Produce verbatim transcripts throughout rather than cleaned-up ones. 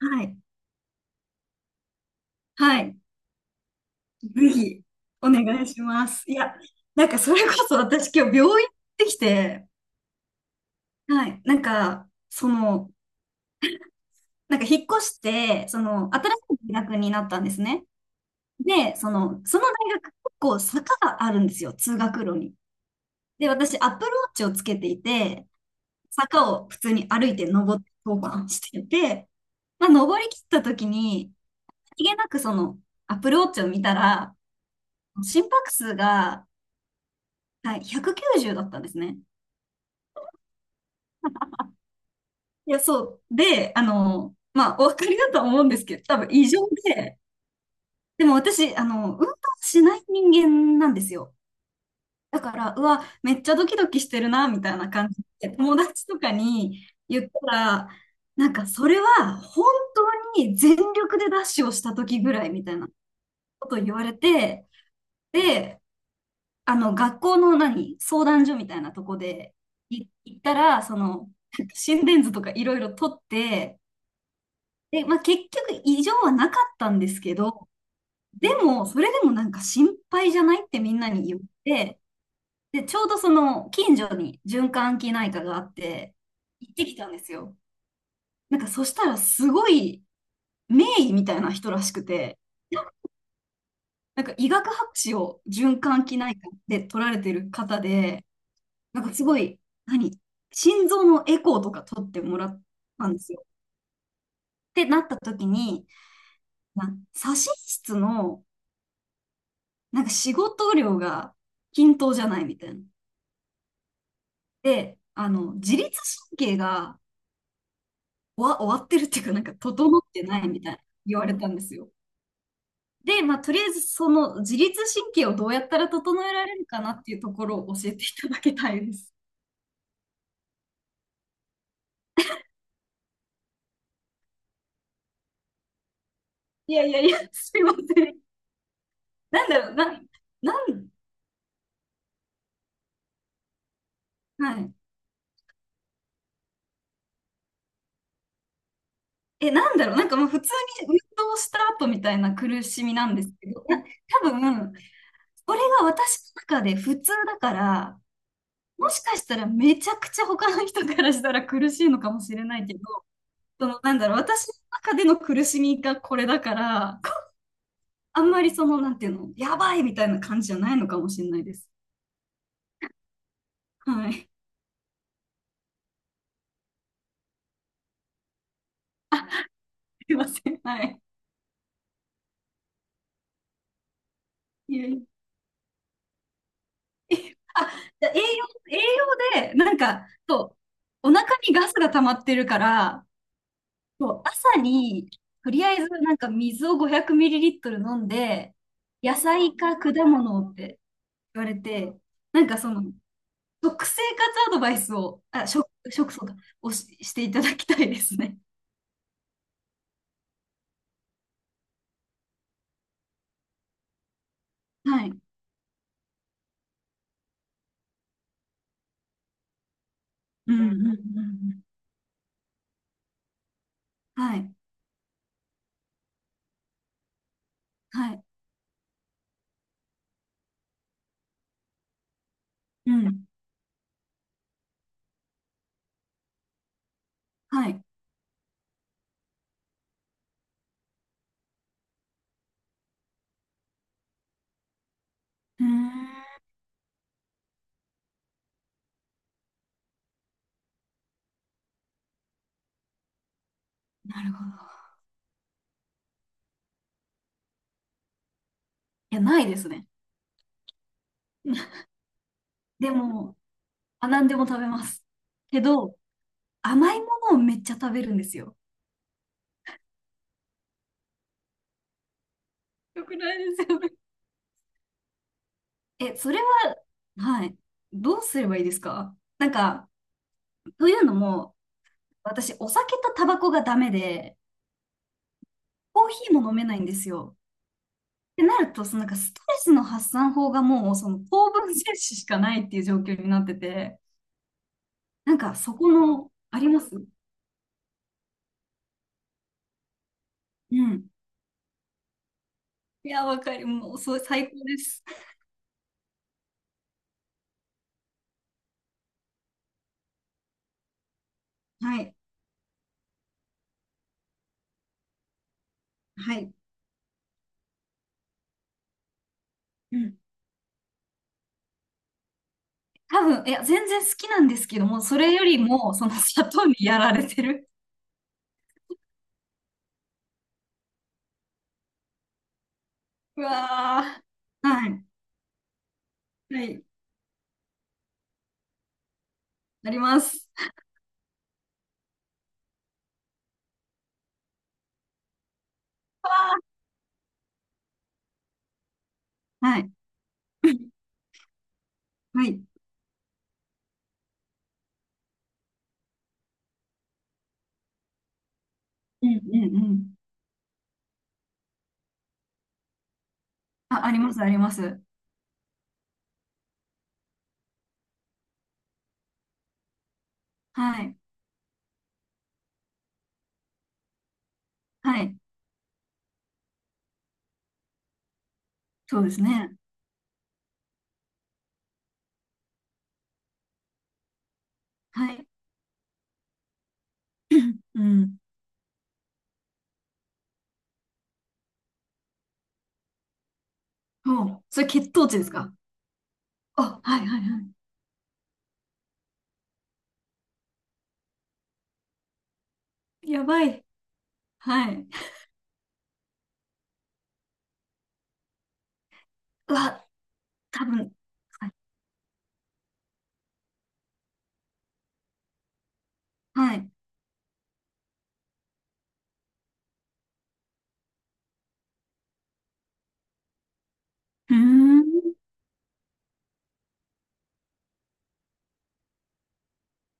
はい。はい。ぜひ、お願いします。いや、なんかそれこそ私今日病院行ってきて、はい。なんか、その、なんか引っ越して、その、新しい大学になったんですね。で、その、その大学結構坂があるんですよ、通学路に。で、私、アップルウォッチをつけていて、坂を普通に歩いて登って登板してて、まあ、登り切った時に、さりげなくその、アップルウォッチを見たら、心拍数が、はい、ひゃくきゅうじゅうだったんですね。いや、そう。で、あの、まあ、お分かりだとは思うんですけど、多分異常で、でも私、あの、運動しない人間なんですよ。だから、うわ、めっちゃドキドキしてるな、みたいな感じで、友達とかに言ったら、なんか、それは本当に全力でダッシュをした時ぐらいみたいなことを言われて、で、あの、学校の何相談所みたいなとこでい行ったら、その、心電図とかいろいろ取って、で、まあ、結局異常はなかったんですけど、でも、それでもなんか心配じゃないってみんなに言って、で、ちょうどその近所に循環器内科があって、行ってきたんですよ。なんかそしたらすごい名医みたいな人らしくて、なんか医学博士を循環器内科で取られてる方で、なんかすごい、何心臓のエコーとか取ってもらったんですよ。ってなった時に、な、左心室の、なんか仕事量が均等じゃないみたいな。で、あの、自律神経が終わ、終わってるっていうか、なんか整ってないみたいな言われたんですよ。で、まあ、とりあえずその自律神経をどうやったら整えられるかなっていうところを教えていただきたいです。いやいやいや、すいません。なんだろう、な、なん、はい。え、なんだろう、なんかもう普通に運動した後みたいな苦しみなんですけど、な、多分、それが私の中で普通だから、もしかしたらめちゃくちゃ他の人からしたら苦しいのかもしれないけど、その、なんだろう、私の中での苦しみがこれだから、あんまりその、なんていうの、やばいみたいな感じじゃないのかもしれないです。はい。すいません。はい。いえいえあ、じゃあ栄養、栄養で、なんか、そう、お腹にガスが溜まってるから、そう、朝に、とりあえずなんか水をごひゃくミリリットルミリリットル飲んで、野菜か果物って言われて、なんかその、食生活アドバイスを、あ、食、食そうか、をし、していただきたいですね。はい。うん、うん、うん。うんはい。はい。うん。はい。うーん。なるほど。いや、ないですね。でも、あ、何でも食べます。けど、甘いものをめっちゃ食べるんですよ。よくないですよね。え、それ、はい。どうすればいいですか？なんか、というのも、私、お酒とタバコがダメで、コーヒーも飲めないんですよ。ってなると、そのなんかストレスの発散法がもう、その糖分摂取しかないっていう状況になってて、なんか、そこの、あります。うん。いや、わかる。もう、そう、最高です。はい。はい。うん。多分、いや、全然好きなんですけども、それよりも、その砂糖にやられてる。うわー。はい。はい。あります。わー、はい。はい。うんうんうん。あ、あります、あります。はい。はい。そうですね。はい。うん。そう。それ血糖値ですか？あ、はいはいはい。やばい。はい。うわ、多分。はい。はい。うーん。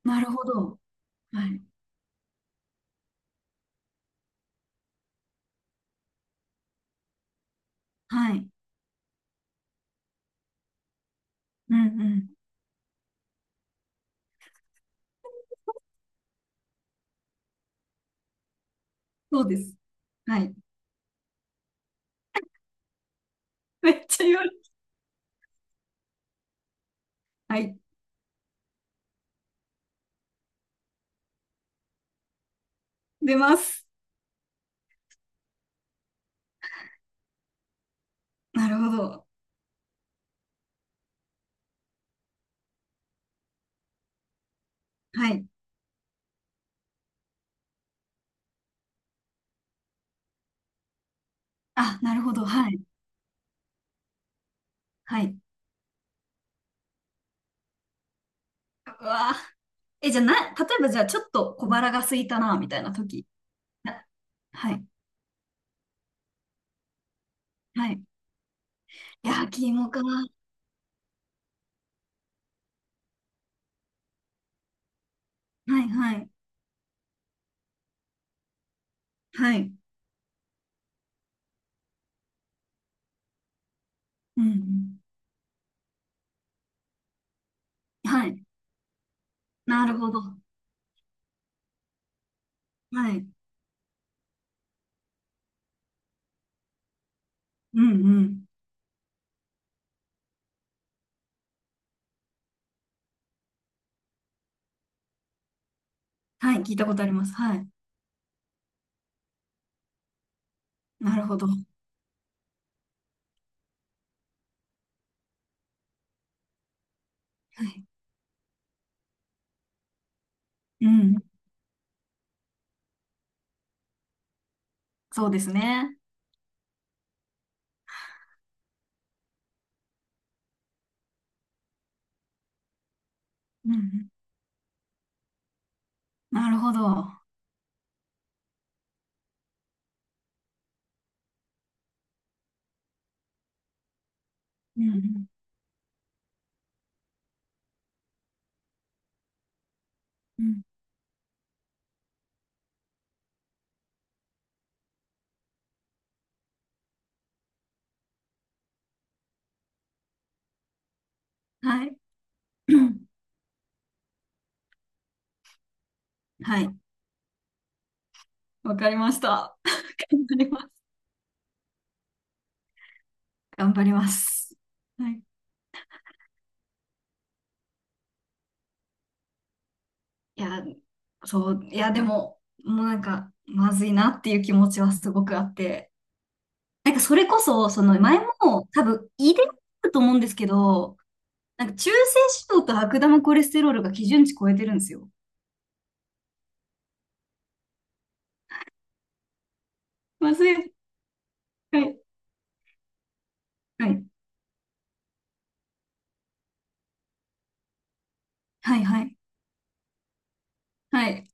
なるほど。はい。はい。うんうん。そうです。はい。めっちゃ言われる。はい。出ます。なるほど。はい。あ、なるほど。はい。はい。うわ。え、じゃあな、例えばじゃあちょっと小腹が空いたな、みたいな時。はい。はい。焼き芋か。はい、はい。はい。うん、うん。はい。なるほど。はい。うん、うん。はい。聞いたことあります。はい。なるほど。はい。うん。そうですね。うん、うん。なるほど。うん、うん。うん、はい。はい。わかりました。頑張ります。頑張ります。はい。いや、そう、いや、でも、もうなんか、まずいなっていう気持ちはすごくあって、なんかそれこそ、その前も多分遺伝あると思うんですけど、なんか中性脂肪と悪玉コレステロールが基準値超えてるんですよ。まずい。はい。はい。はい。はい。はい。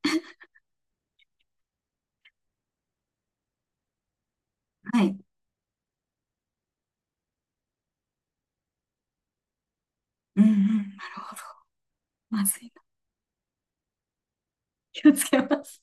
はい。うんうん。なるほど。まずいな。気をつけます。